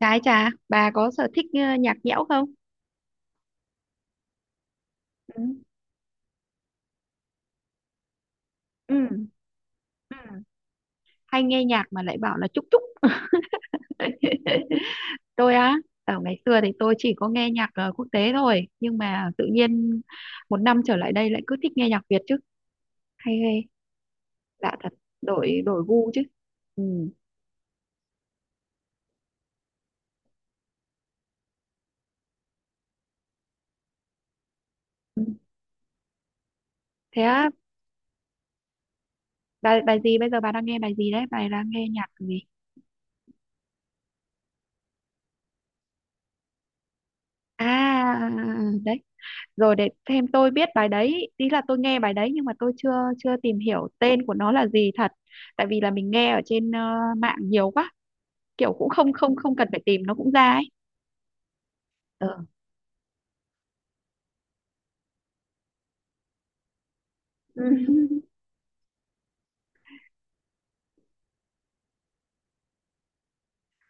Trái trà, bà có sở thích nhạc nhẽo không? Ừ. Ừ. Ừ. Hay nghe nhạc mà lại bảo là chúc chúc. Tôi á, ở ngày xưa thì tôi chỉ có nghe nhạc quốc tế thôi, nhưng mà tự nhiên một năm trở lại đây lại cứ thích nghe nhạc Việt chứ. Hay ghê, lạ thật, đổi đổi gu chứ. Ừ. Ừ. Thế á, bài bài gì bây giờ bà đang nghe bài gì đấy? Bà đang nghe nhạc gì? À, đấy, rồi để thêm tôi biết bài đấy, ý là tôi nghe bài đấy nhưng mà tôi chưa chưa tìm hiểu tên của nó là gì thật. Tại vì là mình nghe ở trên mạng nhiều quá, kiểu cũng không không không cần phải tìm nó cũng ra ấy. ờ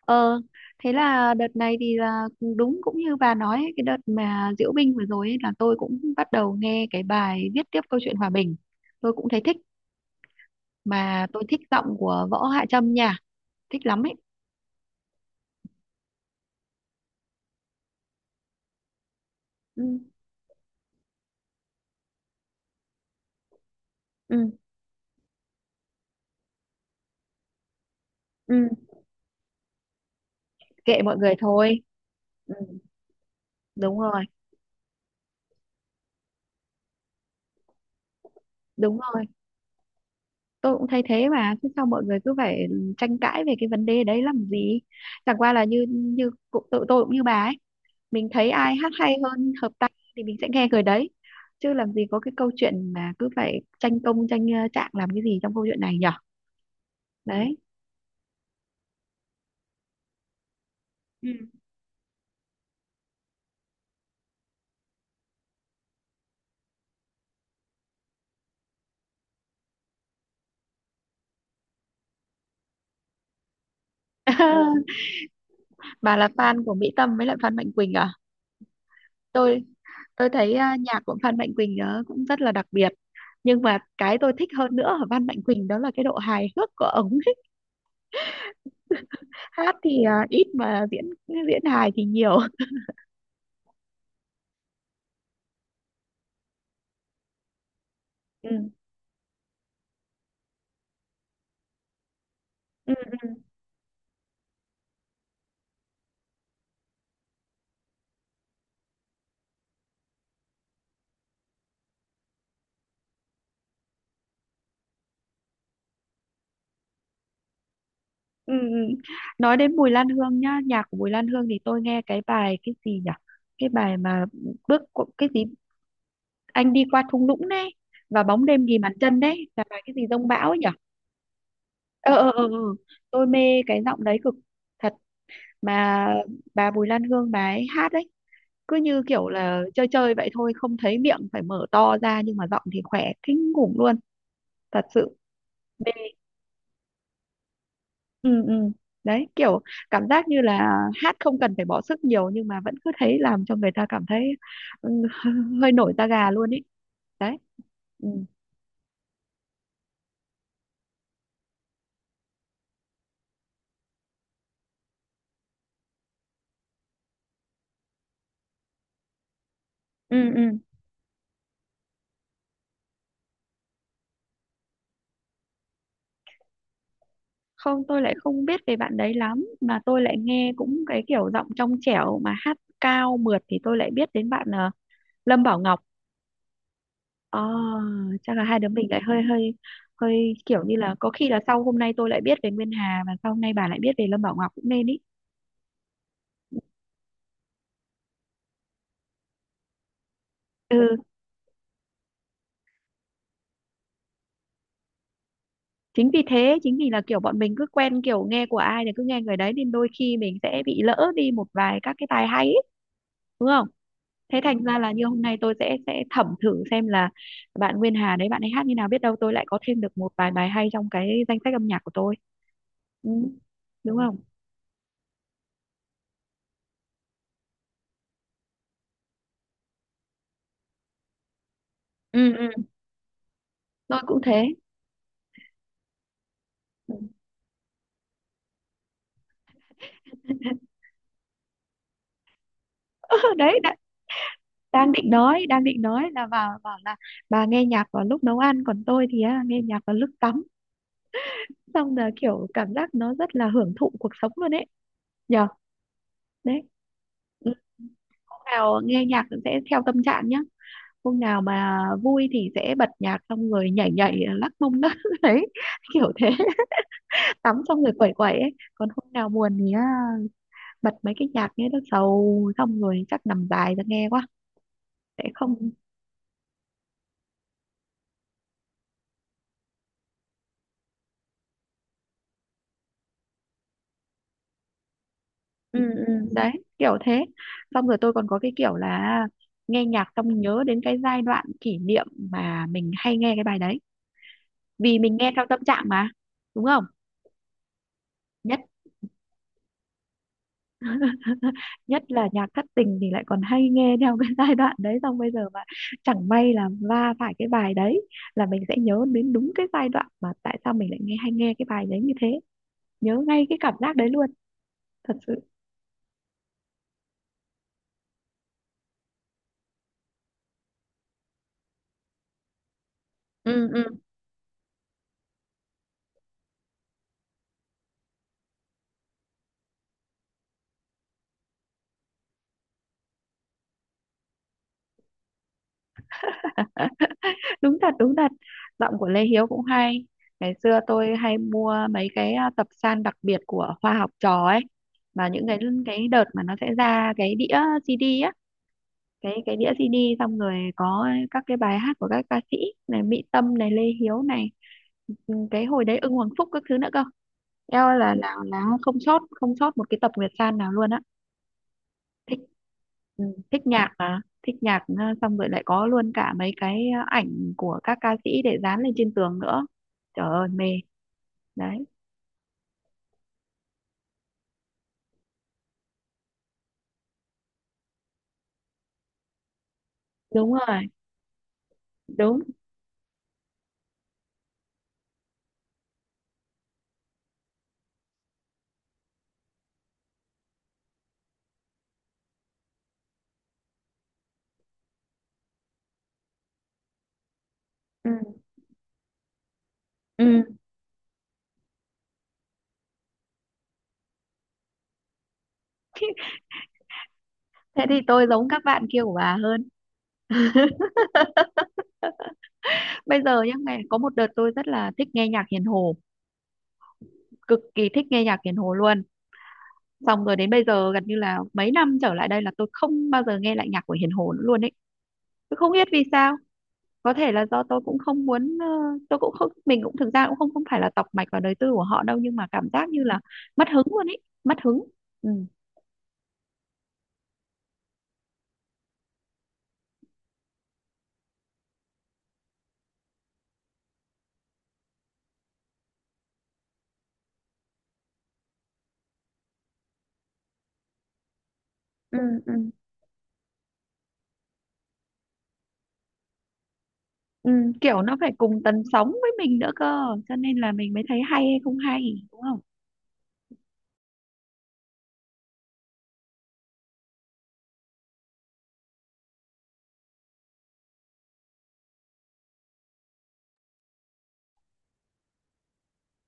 ờ Thế là đợt này thì là đúng cũng như bà nói ấy, cái đợt mà diễu binh vừa rồi ấy, là tôi cũng bắt đầu nghe cái bài viết tiếp câu chuyện hòa bình. Tôi cũng thấy thích, mà tôi thích giọng của Võ Hạ Trâm nha, thích lắm ấy. Ừ, ừ, ừ. Kệ mọi người thôi. Ừ, đúng rồi, đúng rồi. Tôi cũng thấy thế, mà thế sao mọi người cứ phải tranh cãi về cái vấn đề đấy làm gì? Chẳng qua là như như tụi tôi cũng như bà ấy, mình thấy ai hát hay hơn hợp tai thì mình sẽ nghe người đấy, chứ làm gì có cái câu chuyện mà cứ phải tranh công tranh trạng làm cái gì trong câu chuyện này nhở. Đấy. Ừ. Ừ. Bà là fan của Mỹ Tâm với lại Phan Mạnh Quỳnh à? Tôi tôi thấy à, nhạc của Phan Mạnh Quỳnh cũng rất là đặc biệt. Nhưng mà cái tôi thích hơn nữa ở Phan Mạnh Quỳnh đó là cái độ hài hước của ống, hát thì à ít, mà diễn diễn hài thì nhiều. Ừ. Ừ, ừ, ừ. Ừ. Nói đến Bùi Lan Hương nhá, nhạc của Bùi Lan Hương thì tôi nghe cái bài cái gì nhỉ, cái bài mà cái gì, anh đi qua thung lũng đấy và bóng đêm ghim bàn chân đấy, là bài cái gì giông bão ấy nhỉ. ờ ờ ờ ờ. Tôi mê cái giọng đấy cực, thật, mà bà Bùi Lan Hương bà ấy hát đấy cứ như kiểu là chơi chơi vậy thôi, không thấy miệng phải mở to ra nhưng mà giọng thì khỏe kinh khủng luôn, thật sự. Ừ, ừ. Đấy kiểu cảm giác như là hát không cần phải bỏ sức nhiều nhưng mà vẫn cứ thấy làm cho người ta cảm thấy ừ, hơi nổi da gà luôn ý. Đấy. Ừ, ừ, ừ. Không, tôi lại không biết về bạn đấy lắm, mà tôi lại nghe cũng cái kiểu giọng trong trẻo mà hát cao mượt thì tôi lại biết đến bạn Lâm Bảo Ngọc. À, chắc là hai đứa mình lại hơi hơi hơi kiểu như là có khi là sau hôm nay tôi lại biết về Nguyên Hà và sau hôm nay bà lại biết về Lâm Bảo Ngọc cũng nên ý. Ừ, chính vì thế, chính vì là kiểu bọn mình cứ quen kiểu nghe của ai thì cứ nghe người đấy nên đôi khi mình sẽ bị lỡ đi một vài các cái tài hay ấy, đúng không? Thế thành ra là như hôm nay tôi sẽ thẩm thử xem là bạn Nguyên Hà đấy bạn ấy hát như nào, biết đâu tôi lại có thêm được một vài bài hay trong cái danh sách âm nhạc của tôi. Ừ. Đúng không? Ừ, ừ. Tôi cũng thế. Ừ. Đấy đã, đang định nói là vào bảo là bà nghe nhạc vào lúc nấu ăn còn tôi thì á, nghe nhạc vào lúc tắm, xong là kiểu cảm giác nó rất là hưởng thụ cuộc sống luôn ấy, nhở. Đấy. Ừ, hôm nào nghe nhạc sẽ theo tâm trạng nhá, hôm nào mà vui thì sẽ bật nhạc xong rồi nhảy nhảy lắc mông đó đấy, kiểu thế, tắm xong rồi quẩy quẩy ấy. Còn hôm nào buồn thì à, bật mấy cái nhạc nghe nó sầu xong rồi chắc nằm dài ra nghe quá sẽ không. Ừ, ừ. Đấy kiểu thế. Xong rồi tôi còn có cái kiểu là à, nghe nhạc xong nhớ đến cái giai đoạn kỷ niệm mà mình hay nghe cái bài đấy, vì mình nghe theo tâm trạng mà, đúng không? Nhất nhất là nhạc thất tình thì lại còn hay nghe theo cái giai đoạn đấy, xong bây giờ mà chẳng may là va phải cái bài đấy là mình sẽ nhớ đến đúng cái giai đoạn mà tại sao mình lại nghe hay nghe cái bài đấy như thế, nhớ ngay cái cảm giác đấy luôn, thật sự. Ừ, ừ. Đúng thật, đúng thật. Giọng của Lê Hiếu cũng hay. Ngày xưa tôi hay mua mấy cái à, tập san đặc biệt của Hoa Học Trò ấy, mà những cái đợt mà nó sẽ ra cái đĩa CD, cái đĩa CD xong rồi có các cái bài hát của các ca sĩ, này Mỹ Tâm này Lê Hiếu này. Ừ, cái hồi đấy Ưng Hoàng Phúc các thứ nữa cơ. Eo, là không sót, không sót một cái tập Nguyệt San nào luôn á. Thích. Ừ, thích nhạc mà, thích nhạc xong rồi lại có luôn cả mấy cái ảnh của các ca sĩ để dán lên trên tường nữa. Trời ơi mê. Đấy. Đúng rồi. Đúng. Thế thì tôi giống các bạn kia của bà hơn. Bây giờ nhá, ngày có một đợt tôi rất là thích nghe nhạc Hiền Hồ, cực kỳ thích nghe nhạc Hiền Hồ luôn, xong rồi đến bây giờ gần như là mấy năm trở lại đây là tôi không bao giờ nghe lại nhạc của Hiền Hồ nữa luôn ấy. Tôi không biết vì sao, có thể là do tôi cũng không muốn tôi cũng không, mình cũng thực ra cũng không không phải là tọc mạch vào đời tư của họ đâu, nhưng mà cảm giác như là mất hứng luôn ấy, mất hứng. Ừ. Ừ, ừ. Ừ, kiểu nó phải cùng tần sóng với mình nữa cơ, cho nên là mình mới thấy hay hay không hay, đúng không?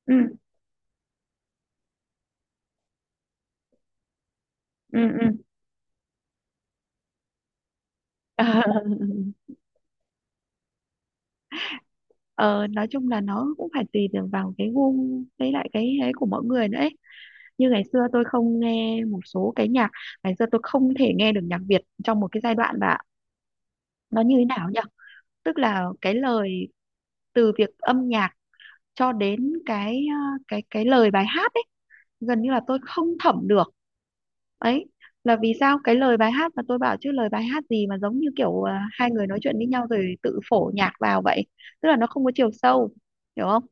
Ừ, ừ, ừ. Ờ, nói chung là nó cũng phải tùy được vào cái gu với lại cái ấy của mỗi người nữa ấy. Như ngày xưa tôi không nghe một số cái nhạc. Ngày xưa tôi không thể nghe được nhạc Việt trong một cái giai đoạn, và nó như thế nào nhỉ, tức là cái lời, từ việc âm nhạc cho đến cái cái lời bài hát ấy, gần như là tôi không thẩm được ấy. Là vì sao, cái lời bài hát mà tôi bảo chứ lời bài hát gì mà giống như kiểu à, hai người nói chuyện với nhau rồi tự phổ nhạc vào vậy, tức là nó không có chiều sâu, hiểu không?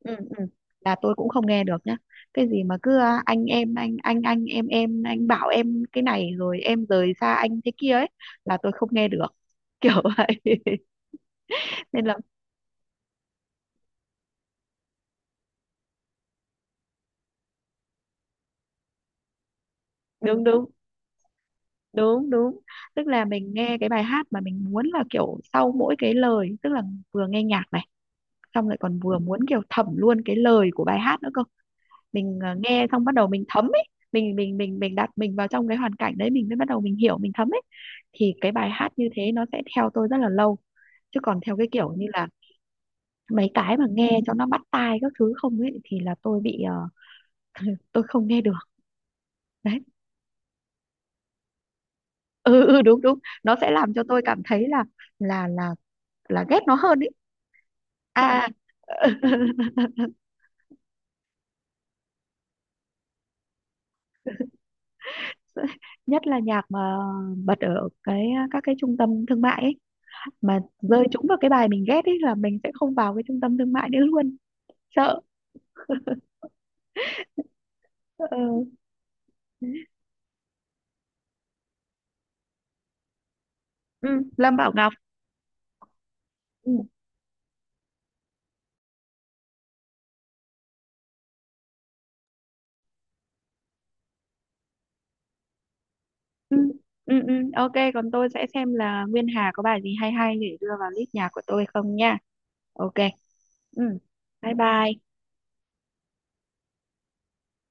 Ừ, ừ. Là tôi cũng không nghe được nhá, cái gì mà cứ à, anh em anh em anh bảo em cái này rồi em rời xa anh thế kia ấy, là tôi không nghe được. Kiểu vậy nên là. Đúng, đúng, đúng, đúng. Tức là mình nghe cái bài hát mà mình muốn là kiểu sau mỗi cái lời, tức là vừa nghe nhạc này xong lại còn vừa muốn kiểu thẩm luôn cái lời của bài hát nữa cơ. Mình nghe xong bắt đầu mình thấm ấy, mình đặt mình vào trong cái hoàn cảnh đấy mình mới bắt đầu mình hiểu mình thấm ấy, thì cái bài hát như thế nó sẽ theo tôi rất là lâu. Chứ còn theo cái kiểu như là mấy cái mà nghe cho nó bắt tai các thứ không ấy thì là tôi bị tôi không nghe được. Đấy. Ừ, ừ. Đúng, đúng. Nó sẽ làm cho tôi cảm thấy là là là ghét nó hơn ý. À. Nhất là nhạc mà bật ở cái các cái trung tâm thương mại ấy, mà rơi trúng vào cái bài mình ghét ấy là mình sẽ không vào cái trung tâm thương mại nữa luôn, sợ. Ờ. Ừ. Lâm Bảo Ngọc. Ừ. Ừ. Ừ. Ừ. Ok, còn tôi sẽ xem là Nguyên Hà có bài gì hay hay để đưa vào list nhạc của tôi không nha. Ok. Ừ. Bye bye.